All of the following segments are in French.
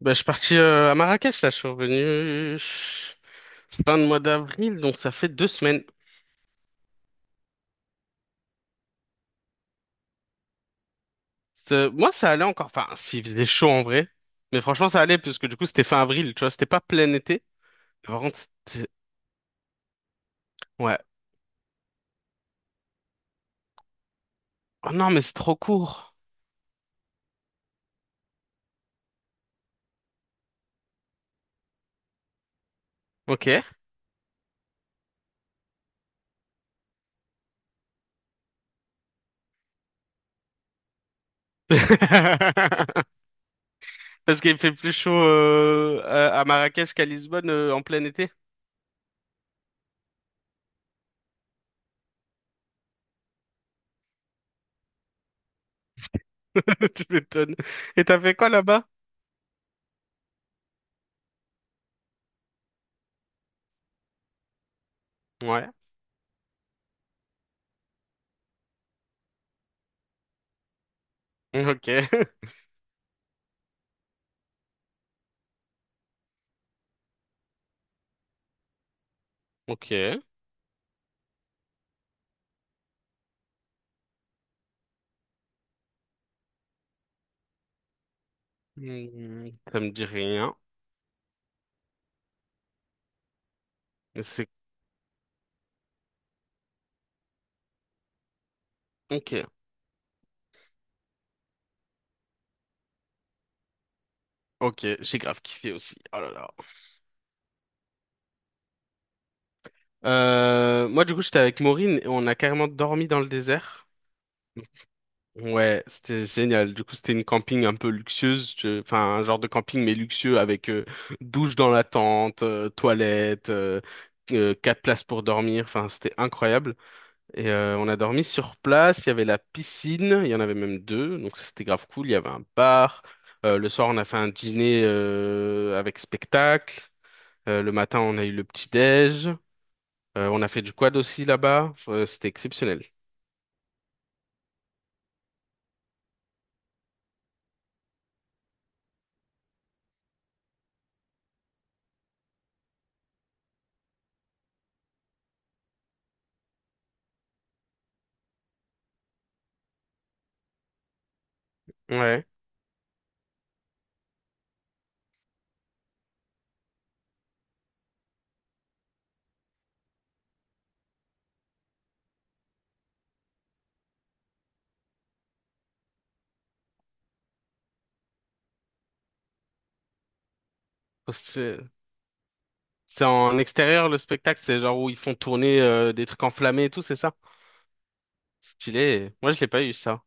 Bah, je suis parti à Marrakech, là, je suis revenu fin de mois d'avril, donc ça fait deux semaines. Moi, ça allait encore, enfin, s'il faisait chaud en vrai, mais franchement, ça allait, parce que du coup, c'était fin avril, tu vois, c'était pas plein été. Par contre, c'était... Ouais. Oh non, mais c'est trop court. Ok. Parce qu'il fait plus chaud à Marrakech qu'à Lisbonne en plein été. Tu m'étonnes. Et t'as fait quoi là-bas? Ouais. Ok. Ok. Hmm, ça me dit rien. Mais c'est ok. Ok, j'ai grave kiffé aussi. Oh là là. Moi, du coup, j'étais avec Maureen et on a carrément dormi dans le désert. Ouais, c'était génial. Du coup, c'était une camping un peu luxueuse. Enfin, un genre de camping, mais luxueux avec douche dans la tente, toilette, quatre places pour dormir. Enfin, c'était incroyable. Et on a dormi sur place. Il y avait la piscine. Il y en avait même deux. Donc, ça, c'était grave cool. Il y avait un bar. Le soir, on a fait un dîner avec spectacle. Le matin, on a eu le petit-déj. On a fait du quad aussi là-bas. C'était exceptionnel. Ouais. Parce que c'est en extérieur le spectacle, c'est genre où ils font tourner des trucs enflammés et tout, c'est ça? Stylé. Moi, je l'ai pas eu ça.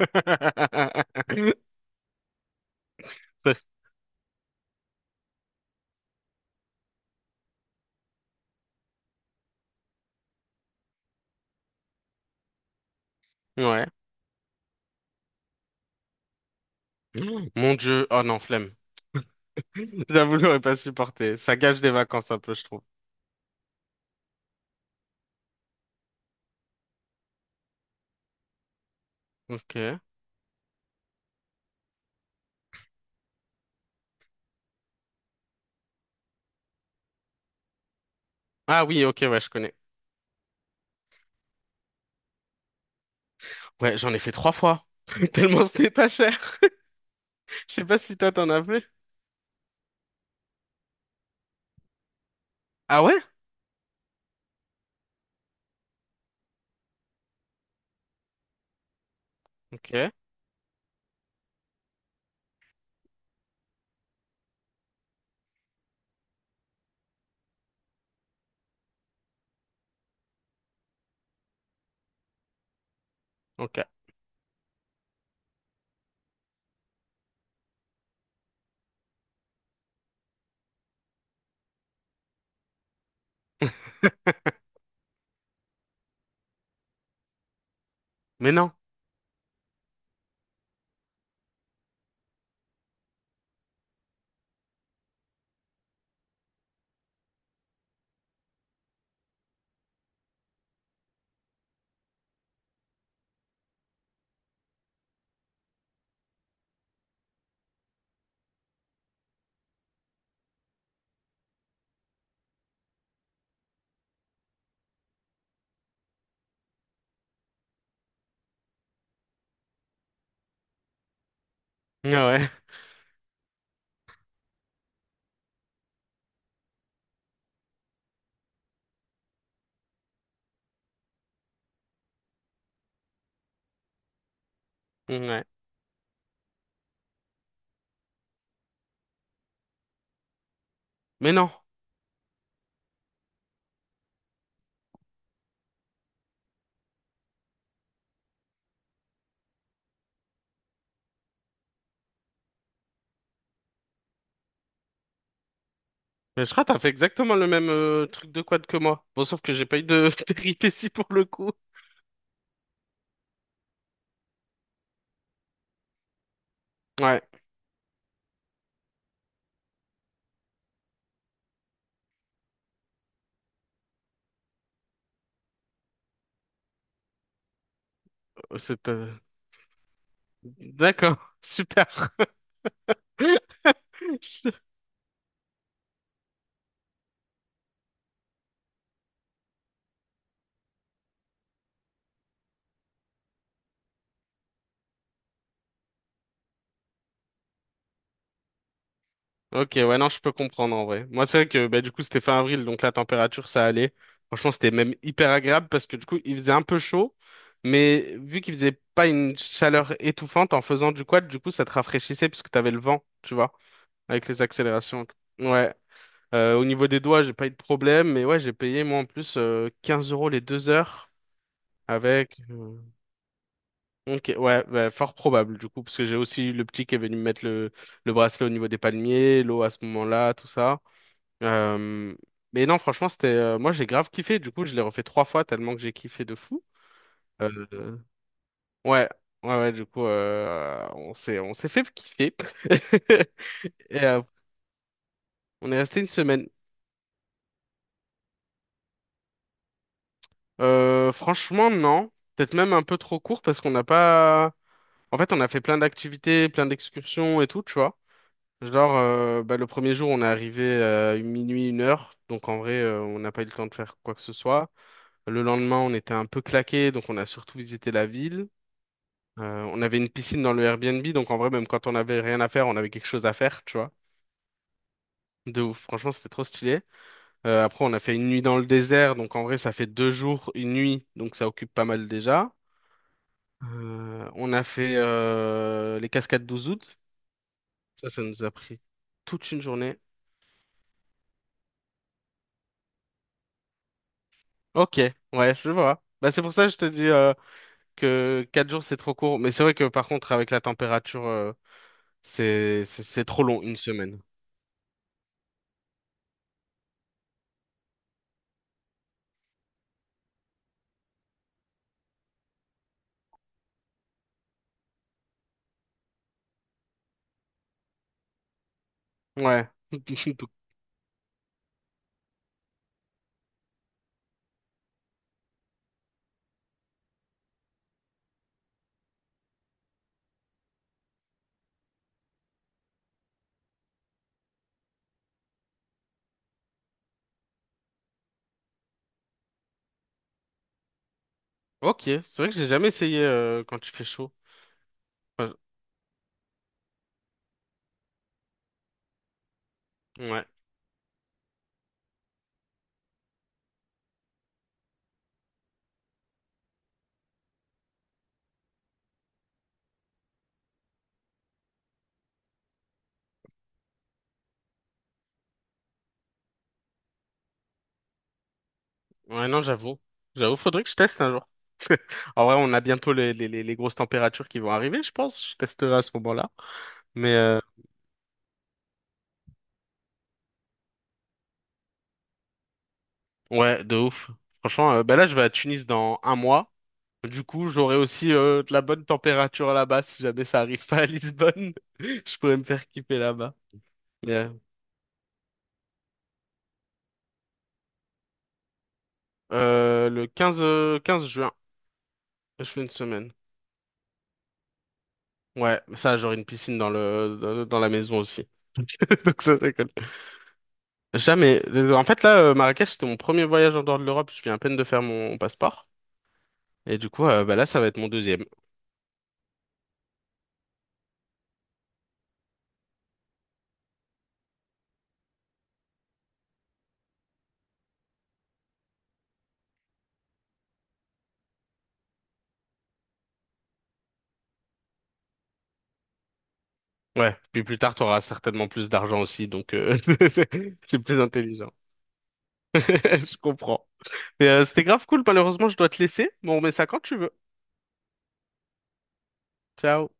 Ouais. Mon Dieu. Oh non, flemme. J'avoue, j'aurais pas supporté. Ça gâche des vacances un peu, je trouve. Ok. Ah oui, ok, ouais, je connais. Ouais, j'en ai fait trois fois. Tellement c'était pas cher. Je sais pas si toi t'en as fait. Ah ouais? Ok. Ok. Mais non. Ah ouais. Ouais. Mais non. Mais Shrat a fait exactement le même truc de quad que moi. Bon, sauf que j'ai pas eu de péripéties pour le coup. Ouais, c'est... euh, D'accord, super. Ok, ouais, non, je peux comprendre en vrai. Moi, c'est vrai que bah, du coup, c'était fin avril, donc la température, ça allait. Franchement, c'était même hyper agréable parce que du coup, il faisait un peu chaud, mais vu qu'il faisait pas une chaleur étouffante en faisant du quad, du coup, ça te rafraîchissait puisque t'avais le vent, tu vois, avec les accélérations. Ouais. Au niveau des doigts, j'ai pas eu de problème, mais ouais, j'ai payé moi en plus 15 euros les deux heures avec. Ok, ouais, bah, fort probable du coup, parce que j'ai aussi eu le petit qui est venu me mettre le bracelet au niveau des palmiers, l'eau à ce moment-là, tout ça. Euh, Mais non, franchement, c'était. Moi, j'ai grave kiffé, du coup, je l'ai refait trois fois tellement que j'ai kiffé de fou. Euh, Ouais, ouais, du coup, on s'est fait kiffer. Et on est resté une semaine. Franchement, non. Peut-être même un peu trop court parce qu'on n'a pas. En fait, on a fait plein d'activités, plein d'excursions et tout, tu vois. Genre, bah, le premier jour, on est arrivé à minuit, une heure. Donc, en vrai, on n'a pas eu le temps de faire quoi que ce soit. Le lendemain, on était un peu claqué, donc on a surtout visité la ville. On avait une piscine dans le Airbnb, donc en vrai, même quand on n'avait rien à faire, on avait quelque chose à faire, tu vois. De ouf, franchement, c'était trop stylé. Après, on a fait une nuit dans le désert, donc en vrai, ça fait deux jours, une nuit, donc ça occupe pas mal déjà. On a fait les cascades d'Ouzoud. Ça nous a pris toute une journée. Ok, ouais, je vois. Bah, c'est pour ça que je te dis que quatre jours, c'est trop court. Mais c'est vrai que par contre, avec la température, c'est trop long, une semaine. Ouais. Ok, c'est vrai que j'ai jamais essayé quand il fait chaud. Enfin, ouais, ouais, non, j'avoue. J'avoue, faudrait que je teste un jour. En vrai, on a bientôt les grosses températures qui vont arriver, je pense. Je testerai à ce moment-là. Mais ouais, de ouf. Franchement, bah là, je vais à Tunis dans un mois. Du coup, j'aurai aussi de la bonne température là-bas si jamais ça arrive pas à Lisbonne. Je pourrais me faire kiffer là-bas. Yeah. Le 15 juin, je fais une semaine. Ouais, ça, j'aurai une piscine dans la maison aussi. Donc ça colle. Jamais. En fait, là, Marrakech, c'était mon premier voyage en dehors de l'Europe. Je viens à peine de faire mon passeport. Et du coup, bah là, ça va être mon deuxième. Ouais, puis plus tard, tu auras certainement plus d'argent aussi, donc c'est c'est plus intelligent. Je comprends. Mais c'était grave cool, malheureusement, je dois te laisser, mais on remet ça quand tu veux. Ciao.